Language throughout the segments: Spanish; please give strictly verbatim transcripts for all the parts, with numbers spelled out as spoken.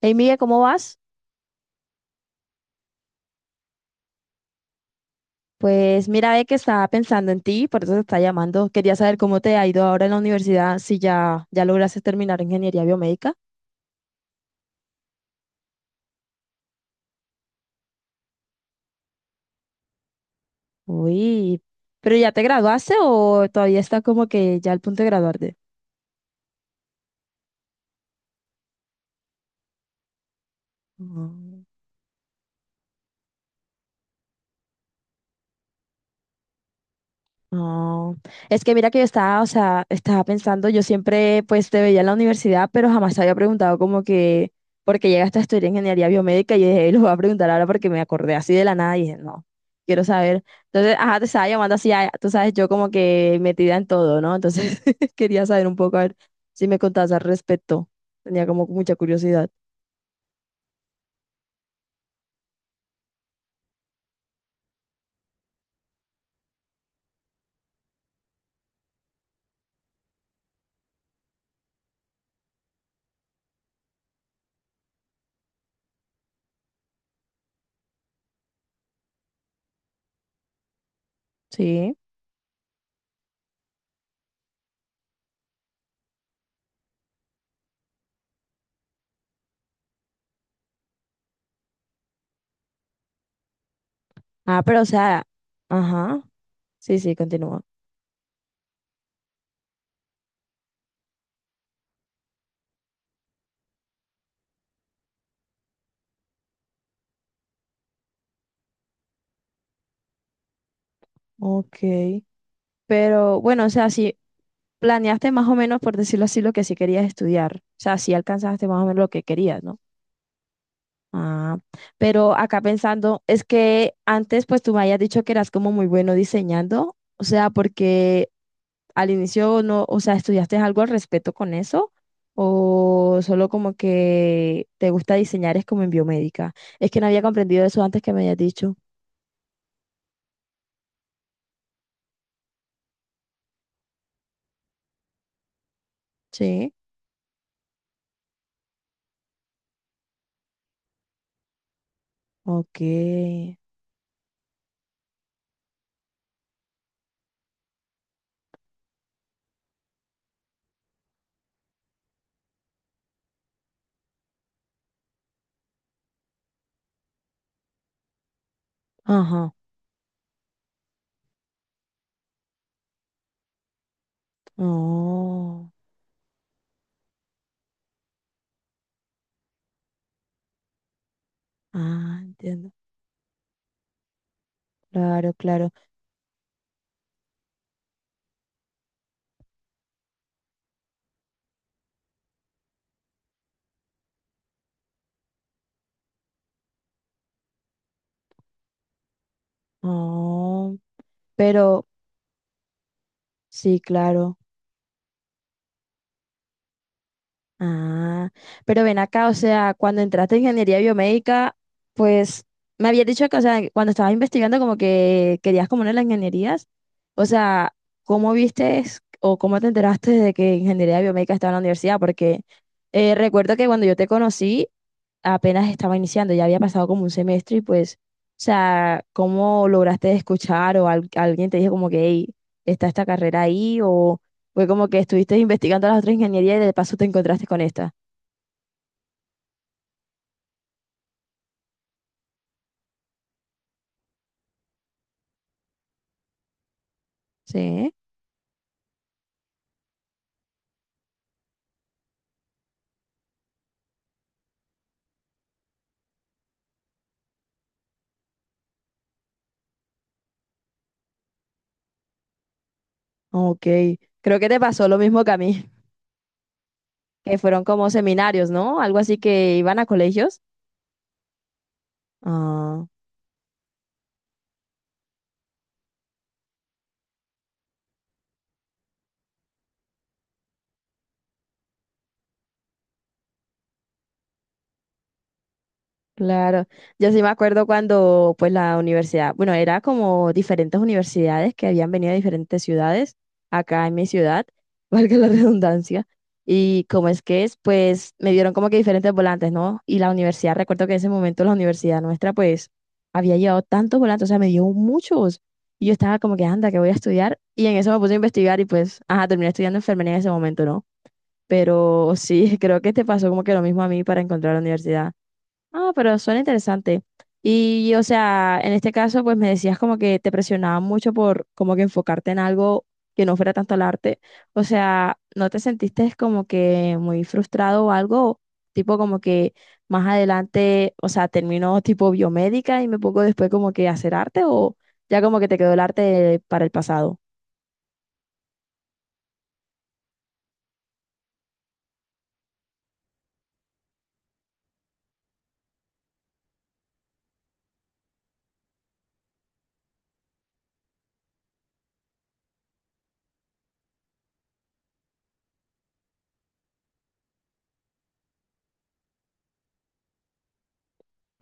Hey Miguel, ¿cómo vas? Pues mira, ve que estaba pensando en ti, por eso te está llamando. Quería saber cómo te ha ido ahora en la universidad, si ya, ya lograste terminar ingeniería biomédica. Uy, ¿pero ya te graduaste o todavía está como que ya al punto de graduarte? Ujú. No, es que mira que yo estaba, o sea, estaba pensando, yo siempre pues te veía en la universidad, pero jamás te había preguntado como que, porque llegaste a estudiar ingeniería biomédica y dije, lo voy a preguntar ahora porque me acordé así de la nada y dije, no, quiero saber. Entonces, ajá, te estaba llamando así, ah, tú sabes, yo como que metida en todo, ¿no? Entonces, quería saber un poco, a ver si me contabas al respecto. Tenía como mucha curiosidad. Sí. Ah, pero o sea, ajá, sí, sí, continúa. Ok. Pero bueno, o sea, sí, planeaste más o menos, por decirlo así, lo que sí querías estudiar. O sea, sí alcanzaste más o menos lo que querías, ¿no? Ah, pero acá pensando, es que antes pues tú me habías dicho que eras como muy bueno diseñando, o sea, porque al inicio no, o sea, ¿estudiaste algo al respecto con eso? ¿O solo como que te gusta diseñar es como en biomédica? Es que no había comprendido eso antes que me habías dicho. Sí, ok. Ajá. Oh. Ah, entiendo. Claro, claro. Oh, pero sí, claro. Ah, pero ven acá, o sea, cuando entraste en ingeniería biomédica, pues me habías dicho que, o sea, cuando estabas investigando como que querías como una de las ingenierías, o sea, ¿cómo viste o cómo te enteraste de que ingeniería biomédica estaba en la universidad? Porque eh, recuerdo que cuando yo te conocí, apenas estaba iniciando, ya había pasado como un semestre y pues, o sea, ¿cómo lograste escuchar o al- alguien te dijo como que, hey, está esta carrera ahí o fue como que estuviste investigando las otras ingenierías y de paso te encontraste con esta? Sí, ok. Creo que te pasó lo mismo que a mí, que fueron como seminarios, ¿no? Algo así que iban a colegios. Ah. Claro, yo sí me acuerdo cuando pues la universidad, bueno, era como diferentes universidades que habían venido de diferentes ciudades, acá en mi ciudad, valga la redundancia, y como es que es, pues me dieron como que diferentes volantes, ¿no? Y la universidad, recuerdo que en ese momento la universidad nuestra pues había llevado tantos volantes, o sea, me dio muchos, y yo estaba como que anda, que voy a estudiar, y en eso me puse a investigar y pues, ajá, terminé estudiando enfermería en ese momento, ¿no? Pero sí, creo que te pasó como que lo mismo a mí para encontrar la universidad. Ah, pero suena interesante. Y, o sea, en este caso, pues me decías como que te presionaba mucho por como que enfocarte en algo que no fuera tanto el arte. O sea, ¿no te sentiste como que muy frustrado o algo? Tipo como que más adelante, o sea, termino tipo biomédica y me pongo después como que a hacer arte o ya como que te quedó el arte para el pasado.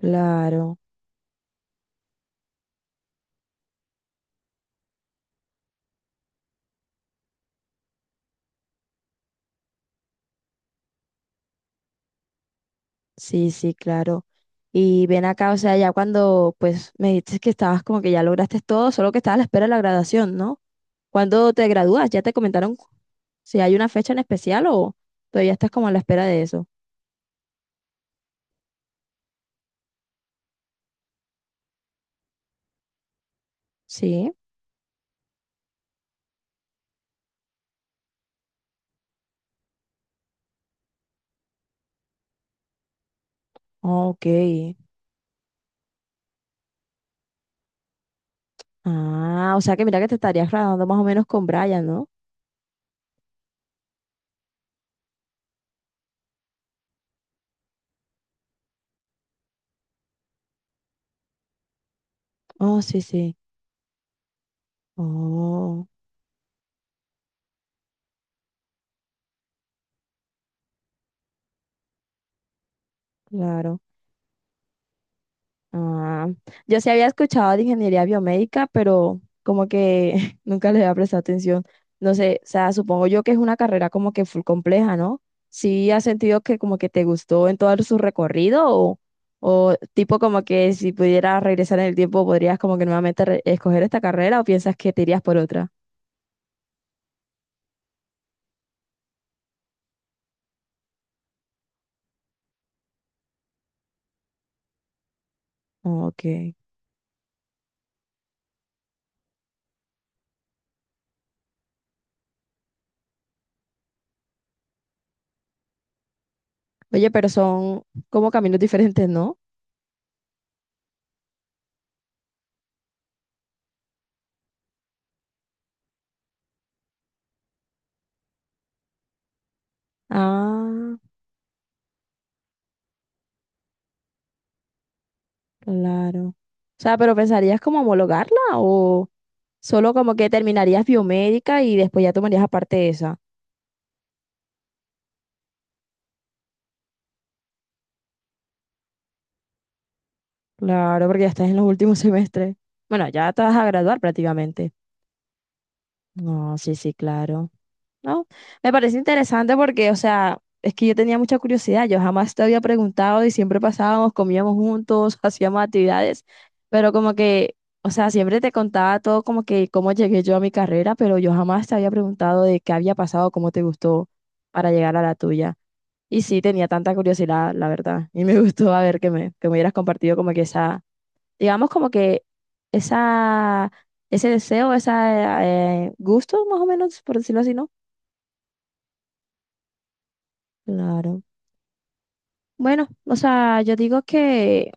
Claro. Sí, sí, claro. Y ven acá, o sea, ya cuando pues me dices que estabas como que ya lograste todo, solo que estabas a la espera de la graduación, ¿no? ¿Cuándo te gradúas? ¿Ya te comentaron si hay una fecha en especial o todavía estás como a la espera de eso? Sí, ok. Ah, o sea que mira que te estarías graduando más o menos con Brian, ¿no? Oh, sí, sí. Oh, claro. Ah, yo sí había escuchado de ingeniería biomédica, pero como que nunca le había prestado atención. No sé, o sea, supongo yo que es una carrera como que full compleja, ¿no? ¿Sí has sentido que como que te gustó en todo su recorrido o, o tipo como que si pudieras regresar en el tiempo podrías como que nuevamente re- escoger esta carrera o piensas que te irías por otra? Ok. Oye, pero son como caminos diferentes, ¿no? Ah. Claro. O sea, pero ¿pensarías como homologarla o solo como que terminarías biomédica y después ya tomarías aparte esa? Claro, porque ya estás en los últimos semestres. Bueno, ya te vas a graduar prácticamente. No, sí, sí, claro. ¿No? Me parece interesante porque, o sea, es que yo tenía mucha curiosidad, yo jamás te había preguntado y siempre pasábamos, comíamos juntos, hacíamos actividades, pero como que, o sea, siempre te contaba todo como que cómo llegué yo a mi carrera, pero yo jamás te había preguntado de qué había pasado, cómo te gustó para llegar a la tuya. Y sí, tenía tanta curiosidad, la verdad, y me gustó a ver que me, que me hubieras compartido como que esa, digamos como que esa, ese deseo, ese gusto, más o menos, por decirlo así, ¿no? Claro. Bueno, o sea, yo digo que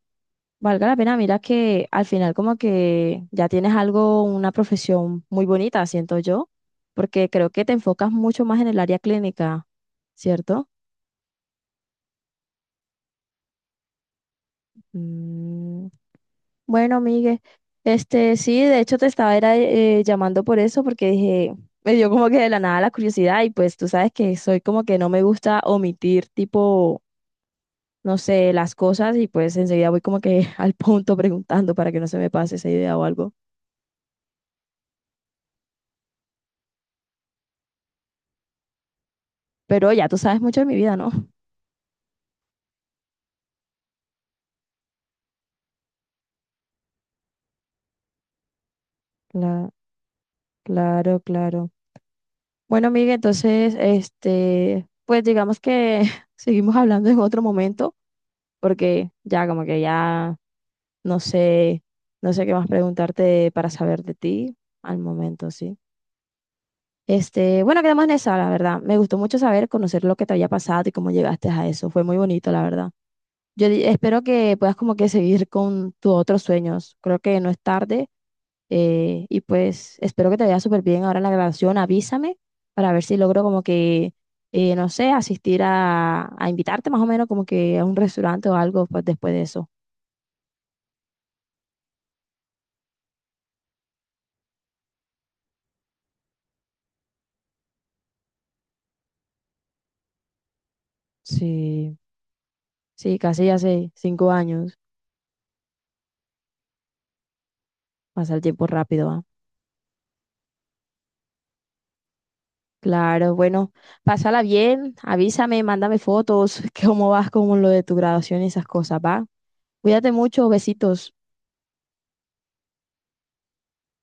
valga la pena, mira que al final como que ya tienes algo, una profesión muy bonita, siento yo, porque creo que te enfocas mucho más en el área clínica, ¿cierto? Mm, bueno, Miguel, este, sí, de hecho te estaba era, eh, llamando por eso, porque dije, me dio como que de la nada la curiosidad y pues tú sabes que soy como que no me gusta omitir tipo, no sé, las cosas y pues enseguida voy como que al punto preguntando para que no se me pase esa idea o algo. Pero ya tú sabes mucho de mi vida, ¿no? Cla- claro, claro. Bueno, amiga, entonces, este, pues digamos que seguimos hablando en otro momento, porque ya como que ya no sé, no sé qué más preguntarte para saber de ti al momento, sí. Este, bueno, quedamos en esa, la verdad. Me gustó mucho saber, conocer lo que te había pasado y cómo llegaste a eso. Fue muy bonito, la verdad. Yo di- espero que puedas como que seguir con tus otros sueños. Creo que no es tarde. Eh, y pues espero que te vaya súper bien ahora en la grabación. Avísame para ver si logro como que, eh, no sé, asistir a, a, invitarte más o menos como que a un restaurante o algo pues después de eso. Sí, sí, casi hace cinco años. Pasa el tiempo rápido, ¿ah? Claro, bueno, pásala bien, avísame, mándame fotos, cómo vas con lo de tu graduación y esas cosas, ¿va? Cuídate mucho, besitos.